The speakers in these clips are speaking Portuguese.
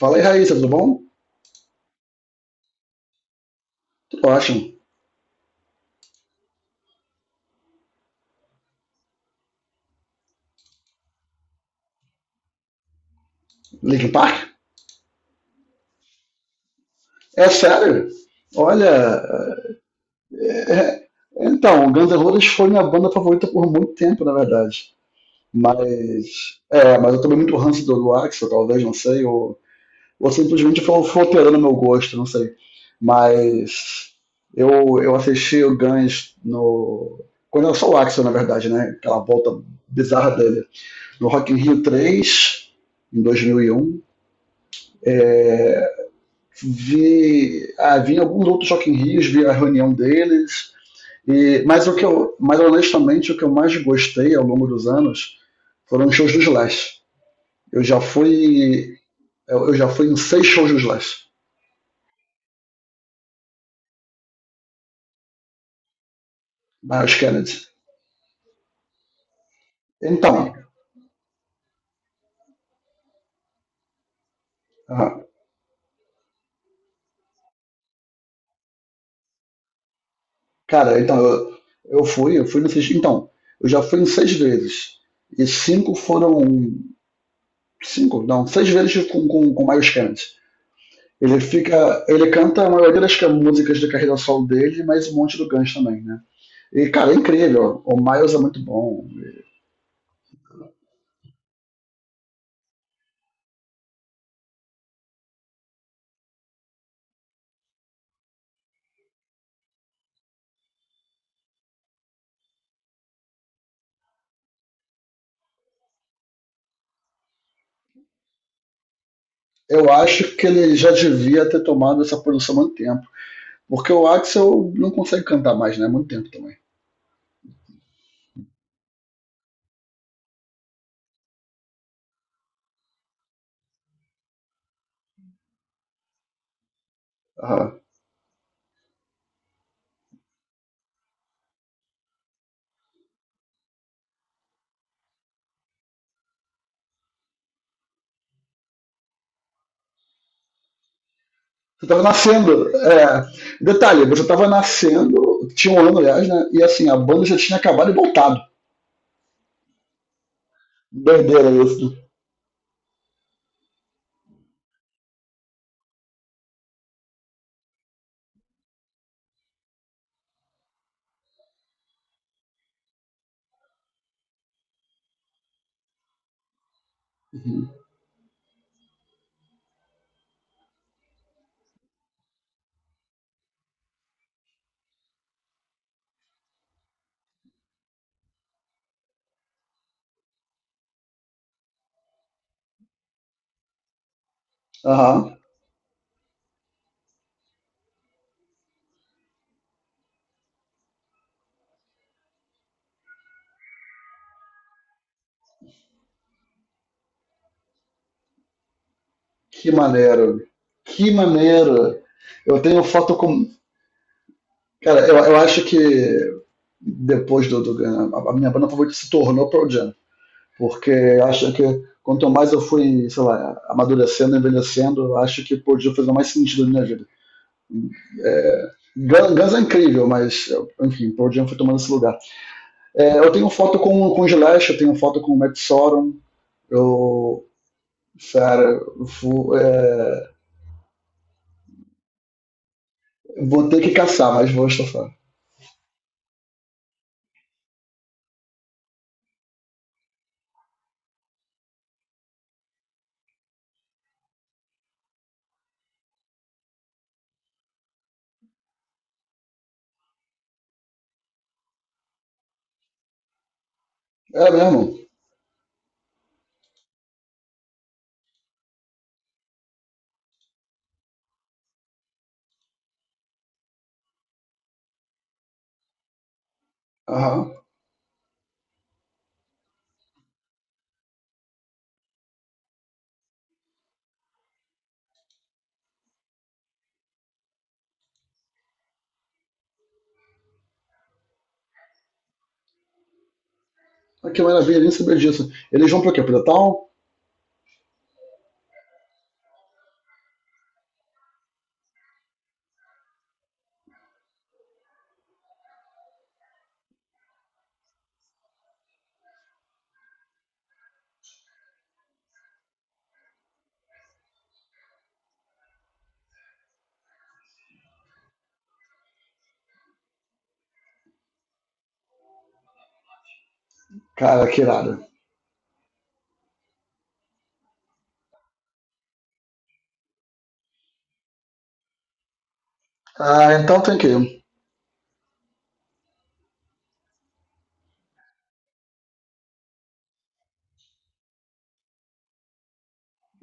Fala aí, Raíssa, tudo bom? Tudo ótimo. Linkin Park? É sério? Olha, é- então, Guns N' Roses foi minha banda favorita por muito tempo, na verdade. Mas, mas eu tomei muito ranço do Axl, talvez, não sei, ou simplesmente foi alterando meu gosto, não sei. Mas eu assisti o Guns no... Quando eu sou o Axl, na verdade, né? Aquela volta bizarra dele. No Rock in Rio 3, em 2001. Vi, vi alguns outros Rock in Rios, vi a reunião deles. E, mas honestamente, o que eu mais gostei ao longo dos anos foram os shows do Slash. Eu já fui, Já fui em 6 shows do Slash, na Kennedy. Então, ah, cara, então eu fui no então eu já fui em 6 vezes e cinco foram cinco, não, 6 vezes com Miles Kennedy. Ele fica. Ele canta a maioria das músicas da carreira solo dele, mas um monte do Guns também, né? E, cara, é incrível. O Miles é muito bom. Eu acho que ele já devia ter tomado essa produção há muito tempo. Porque o Axel não consegue cantar mais, né? Há muito tempo também. Aham. Você tava nascendo. É. Detalhe, você tava nascendo, tinha um ano, aliás, né? E assim, a banda já tinha acabado e voltado. Doideira isso. Uhum. Aham. Que maneiro. Que maneiro. Eu tenho foto com. Cara, eu acho que depois do, do a minha banda favorita se tornou Pearl Jam, porque eu acho que quanto mais eu fui, sei lá, amadurecendo, envelhecendo, eu acho que Pearl Jam fez mais sentido na minha vida. É, Guns é incrível, mas enfim, Pearl Jam foi tomando esse lugar. É, eu tenho foto com o Gillespie, eu tenho foto com o Matt Sorum, eu, cara, eu vou, é, vou ter que caçar, mas vou estofar. É mesmo? Aham. Ah, que maravilha, nem sabia disso. Eles vão pra quê? Pro Town? Cara, que irado. Ah, então tem que ir.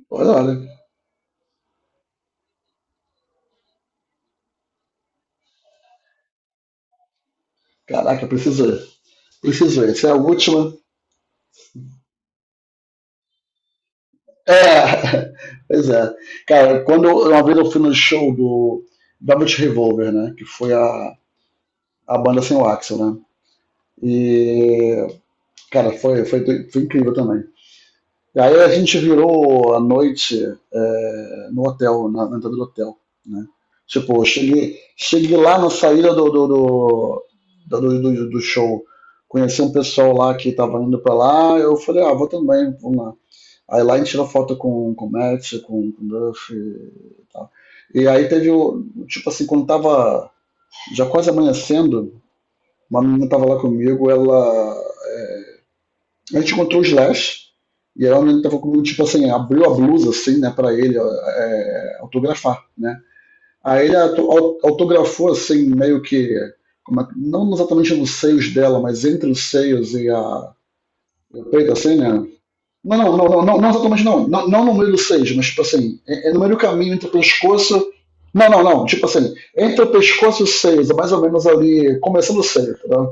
Olha, olha. Caraca, preciso ir. Preciso ir. Essa é a última. É, pois é. Cara, uma vez eu fui no show do Velvet Revolver, né? Que foi a banda sem o Axel, né? E, cara, foi incrível também. E aí a gente virou a noite no hotel, na, entrada do hotel, né? Tipo, cheguei lá na saída do show, conheci um pessoal lá que tava indo pra lá, eu falei, ah, vou também, vamos lá. Aí lá a gente tirou foto com o Matt, com o Duff e tal. E aí teve o, tipo assim, quando tava já quase amanhecendo, uma menina tava lá comigo, ela a gente encontrou o Slash, e ela ele tava com, tipo assim, abriu a blusa, assim, né, pra ele autografar, né. Aí ele autografou, assim, meio que, como é, não exatamente nos seios dela, mas entre os seios e a e o peito, assim, né. Não, exatamente não. Não. Não no meio dos seios, mas, tipo assim, é no meio do caminho entre o pescoço não, não, não. Tipo assim, entre o pescoço e os seios, é mais ou menos ali, começando o seio, tá?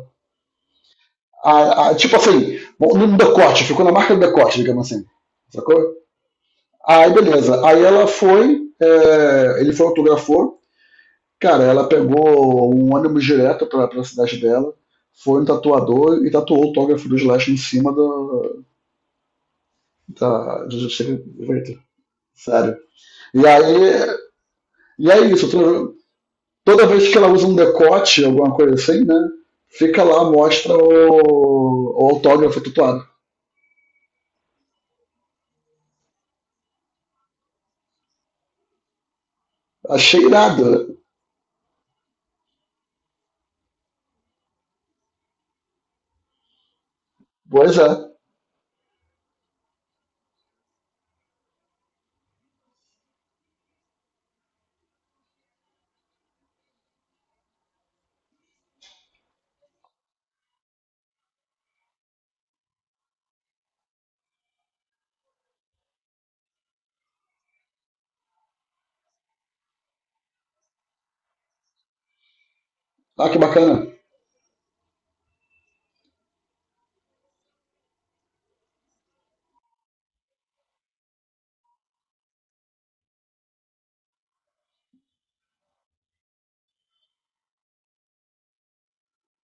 Tipo assim, no decote, ficou na marca do decote, digamos assim. Sacou? Aí beleza. Aí ela foi, é, Ele foi autografou. Cara, ela pegou um ônibus direto pra cidade dela, foi um tatuador e tatuou o autógrafo do Slash em cima do, da. Da sério. E aí. E é isso. Toda, toda vez que ela usa um decote, alguma coisa assim, né? Fica lá, mostra o autógrafo tatuado. Achei irado, né? Pois é. Ah, que bacana.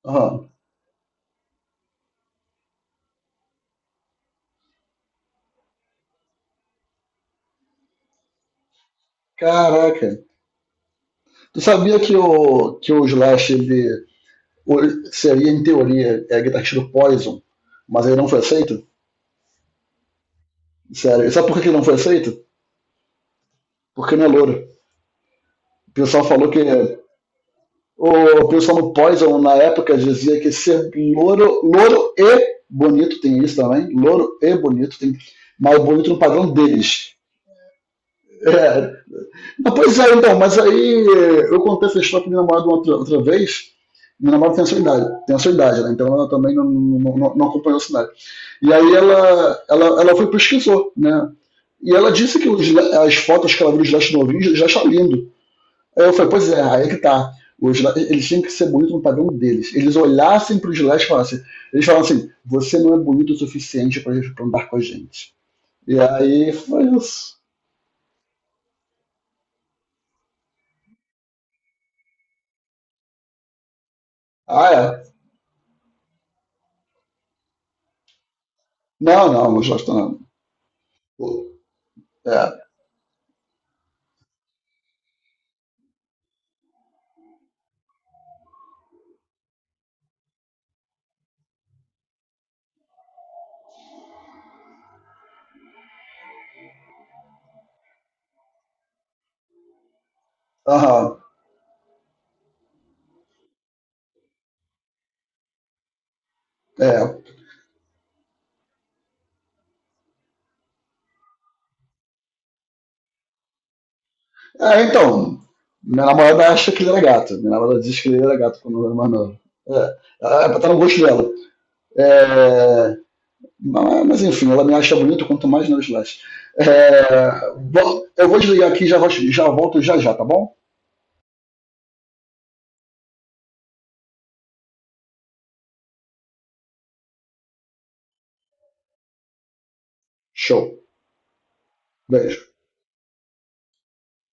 Aham. Caraca. Tu sabia que o Slash o- seria, em teoria, guitarrista do Poison, mas ele não foi aceito? Sério. E sabe por que ele não foi aceito? Porque não é louro. O pessoal falou que. O pessoal no Poison, na época, dizia que ser louro, louro e bonito, tem isso também. Louro e bonito, tem. Mas bonito no padrão deles. É, ah, pois é, então, mas aí eu contei essa história pro meu namorado outra vez. Minha namorada tem a sua idade, tem a sua idade, né? Então ela também não acompanhou a cidade. E aí ela foi e pesquisou, né? E ela disse que as fotos que ela viu dos Leste Novinhos já está lindo. Aí eu falei, pois é, aí é que tá. Eles têm que ser bonitos no padrão deles. Eles olhassem para os Leste e falassem, eles falam assim, você não é bonito o suficiente para andar com a gente. E aí foi isso. Ah, é. Não, não, os Leste não. É. Aham. É. É, então. Minha namorada acha que ele era gato. Minha namorada diz que ele era gato quando eu era mais novo. É. Ela é, tá no gosto dela. É, mas, enfim, ela me acha bonito quanto mais nos likes. É, bom, eu vou desligar aqui e já, já volto já já, tá bom? Show. Beijo.